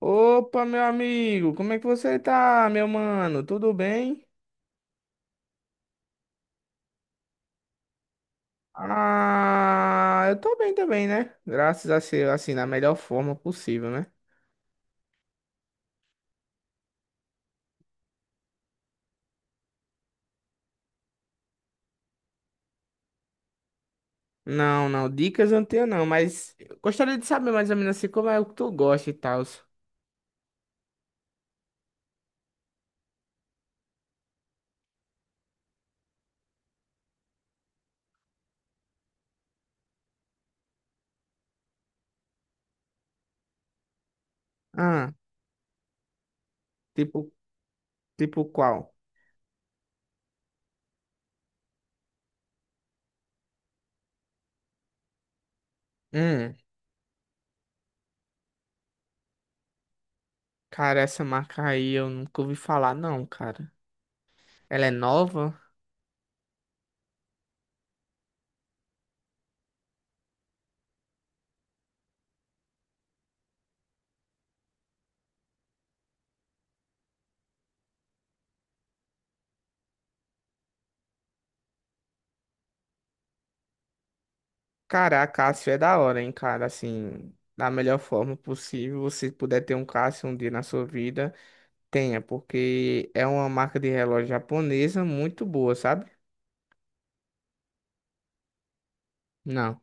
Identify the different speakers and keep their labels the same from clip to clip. Speaker 1: Opa, meu amigo, como é que você tá, meu mano? Tudo bem? Ah, eu tô bem também, né? Graças a ser assim, na melhor forma possível, né? Não, não, dicas eu não tenho não, mas eu gostaria de saber mais ou menos assim como é o que tu gosta e tal. Ah, tipo, tipo qual? Hum, cara, essa marca aí eu nunca ouvi falar não, cara. Ela é nova? Cara, a Cássio é da hora, hein, cara, assim, da melhor forma possível, você puder ter um Cássio um dia na sua vida. Tenha, porque é uma marca de relógio japonesa muito boa, sabe? Não.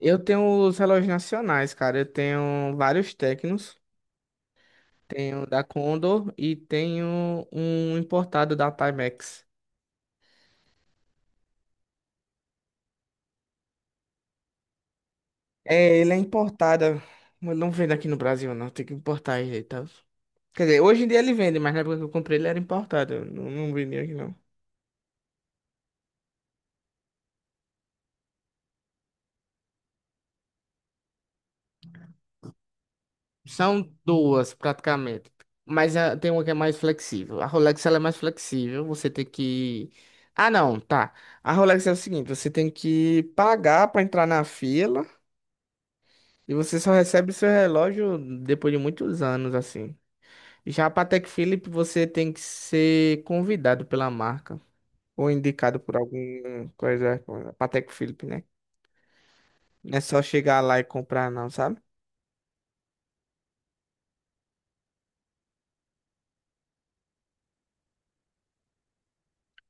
Speaker 1: Eu tenho os relógios nacionais, cara. Eu tenho vários Tecnos. Tenho da Condor e tenho um importado da Timex. É, ele é importado. Mas não vende aqui no Brasil, não. Tem que importar ele, tá? Quer dizer, hoje em dia ele vende, mas na época que eu comprei ele era importado. Eu Não, não vendia aqui, não. São duas, praticamente. Mas tem uma que é mais flexível. A Rolex, ela é mais flexível. Você tem que... Ah, não, tá. A Rolex é o seguinte, você tem que pagar pra entrar na fila e você só recebe seu relógio depois de muitos anos, assim. Já a Patek Philippe, você tem que ser convidado pela marca ou indicado por alguma coisa, a Patek Philippe, né? Não é só chegar lá e comprar, não, sabe?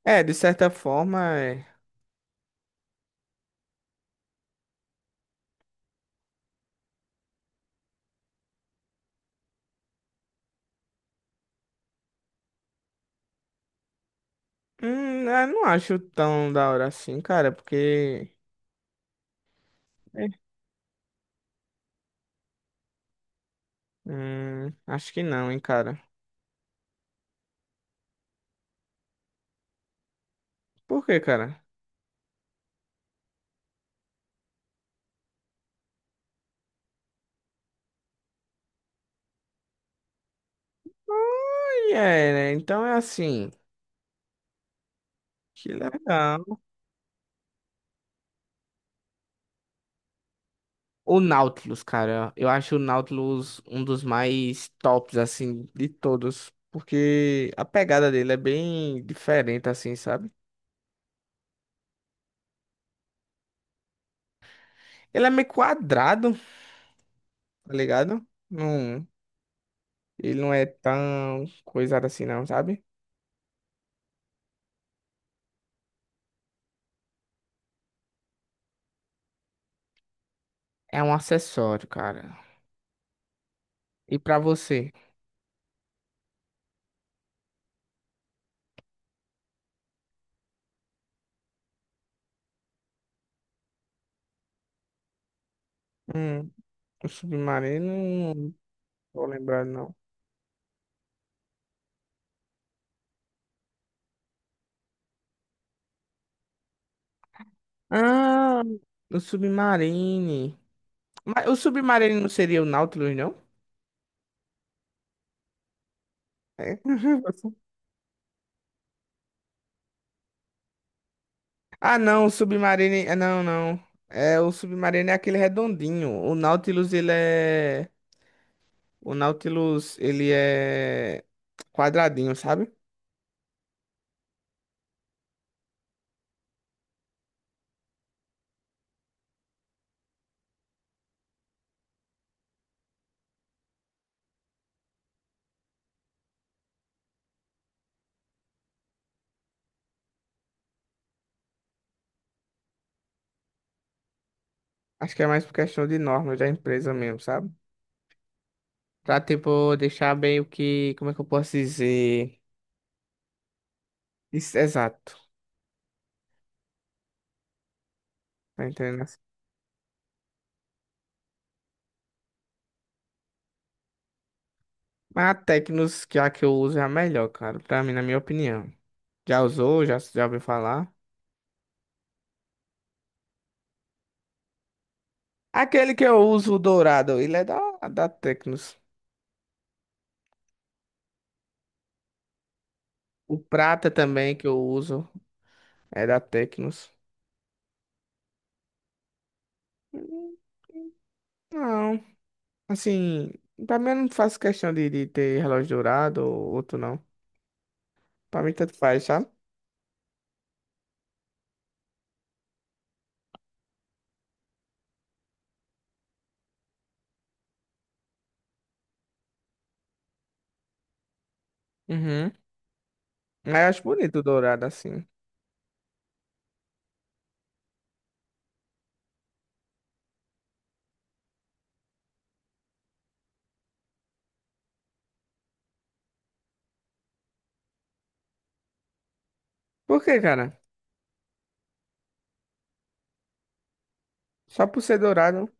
Speaker 1: É, de certa forma, é. Eu não acho tão da hora assim, cara, porque. É. Acho que não, hein, cara. Por quê, cara? Olha, é, né? Então é assim. Que legal. O Nautilus, cara. Eu acho o Nautilus um dos mais tops, assim, de todos. Porque a pegada dele é bem diferente, assim, sabe? Ele é meio quadrado, tá ligado? Não, ele não é tão coisado assim, não, sabe? É um acessório, cara. E pra você? O Submarino, não tô lembrado, não. Ah, o Submarine. Mas o Submarine não seria o Nautilus, não? É. Ah, não, o Submarine. É, não, não. É, o Submarine é aquele redondinho. O Nautilus, ele é. O Nautilus, ele é quadradinho, sabe? Acho que é mais por questão de normas da empresa mesmo, sabe? Pra, tipo, deixar bem o que. Como é que eu posso dizer? Isso, exato. Tá entendendo? Mas a Tecnos, que a que eu uso é a melhor, cara, pra mim, na minha opinião. Já usou? Já ouviu falar? Aquele que eu uso, o dourado, ele é da, Tecnos. O prata também que eu uso é da Tecnos. Hum, Não, assim, pra mim eu não faço questão de ter relógio dourado ou outro não. Pra mim tanto faz, sabe? Uhum. Mas eu acho bonito o dourado assim. Por quê, cara? Só por ser dourado.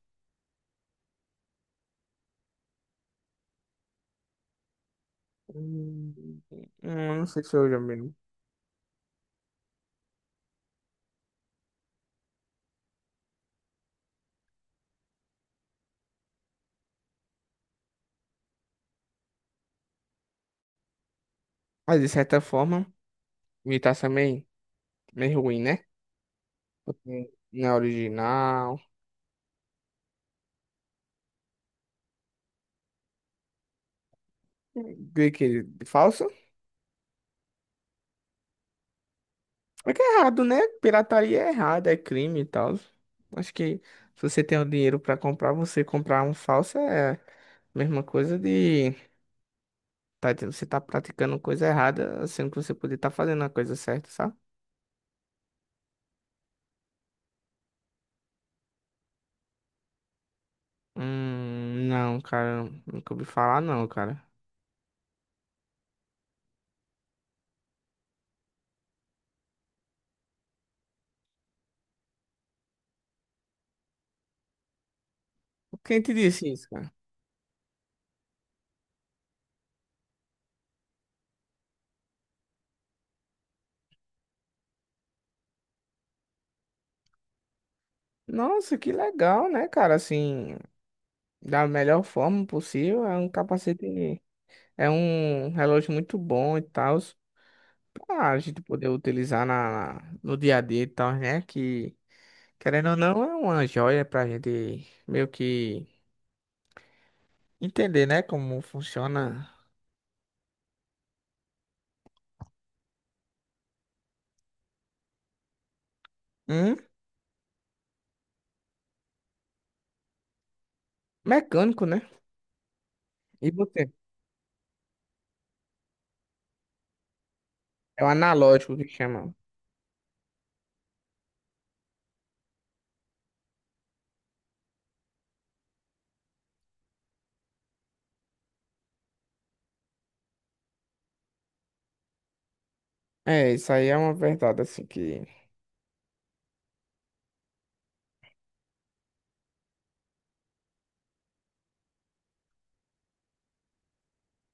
Speaker 1: Não sei se eu já mesmo. Mas de certa forma, me tá também. Meio ruim, né? Porque não é original. Falso? É que é errado, né? Pirataria é errado, é crime e tal. Acho que se você tem o dinheiro pra comprar, você comprar um falso é a mesma coisa de tá, você tá praticando coisa errada, sendo que você poderia estar fazendo a coisa certa, sabe? Não, cara, nunca ouvi falar não, cara. Quem te disse isso, cara? Nossa, que legal, né, cara? Assim, da melhor forma possível, é um capacete. É um relógio muito bom e tal, pra gente poder utilizar na, no dia a dia e tal, né? Que, querendo ou não, é uma joia pra gente meio que entender, né? Como funciona um mecânico, né? E você? É o analógico que chama. É, isso aí é uma verdade, assim, que...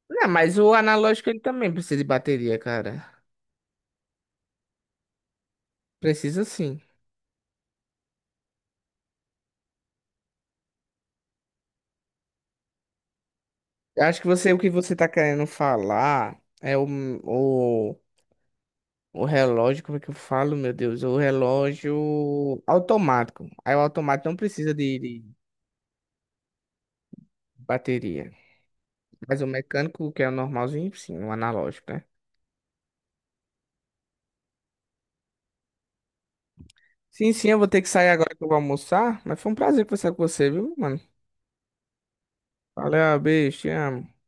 Speaker 1: Não, mas o analógico, ele também precisa de bateria, cara. Precisa sim. Eu acho que você, o que você tá querendo falar é o relógio, como é que eu falo, meu Deus? O relógio automático. Aí o automático não precisa de bateria. Mas o mecânico, que é o normalzinho, sim, o analógico, né? Sim, sim, eu vou ter que sair agora que eu vou almoçar. Mas foi um prazer conversar com você, viu, mano? Valeu, beijo, te amo.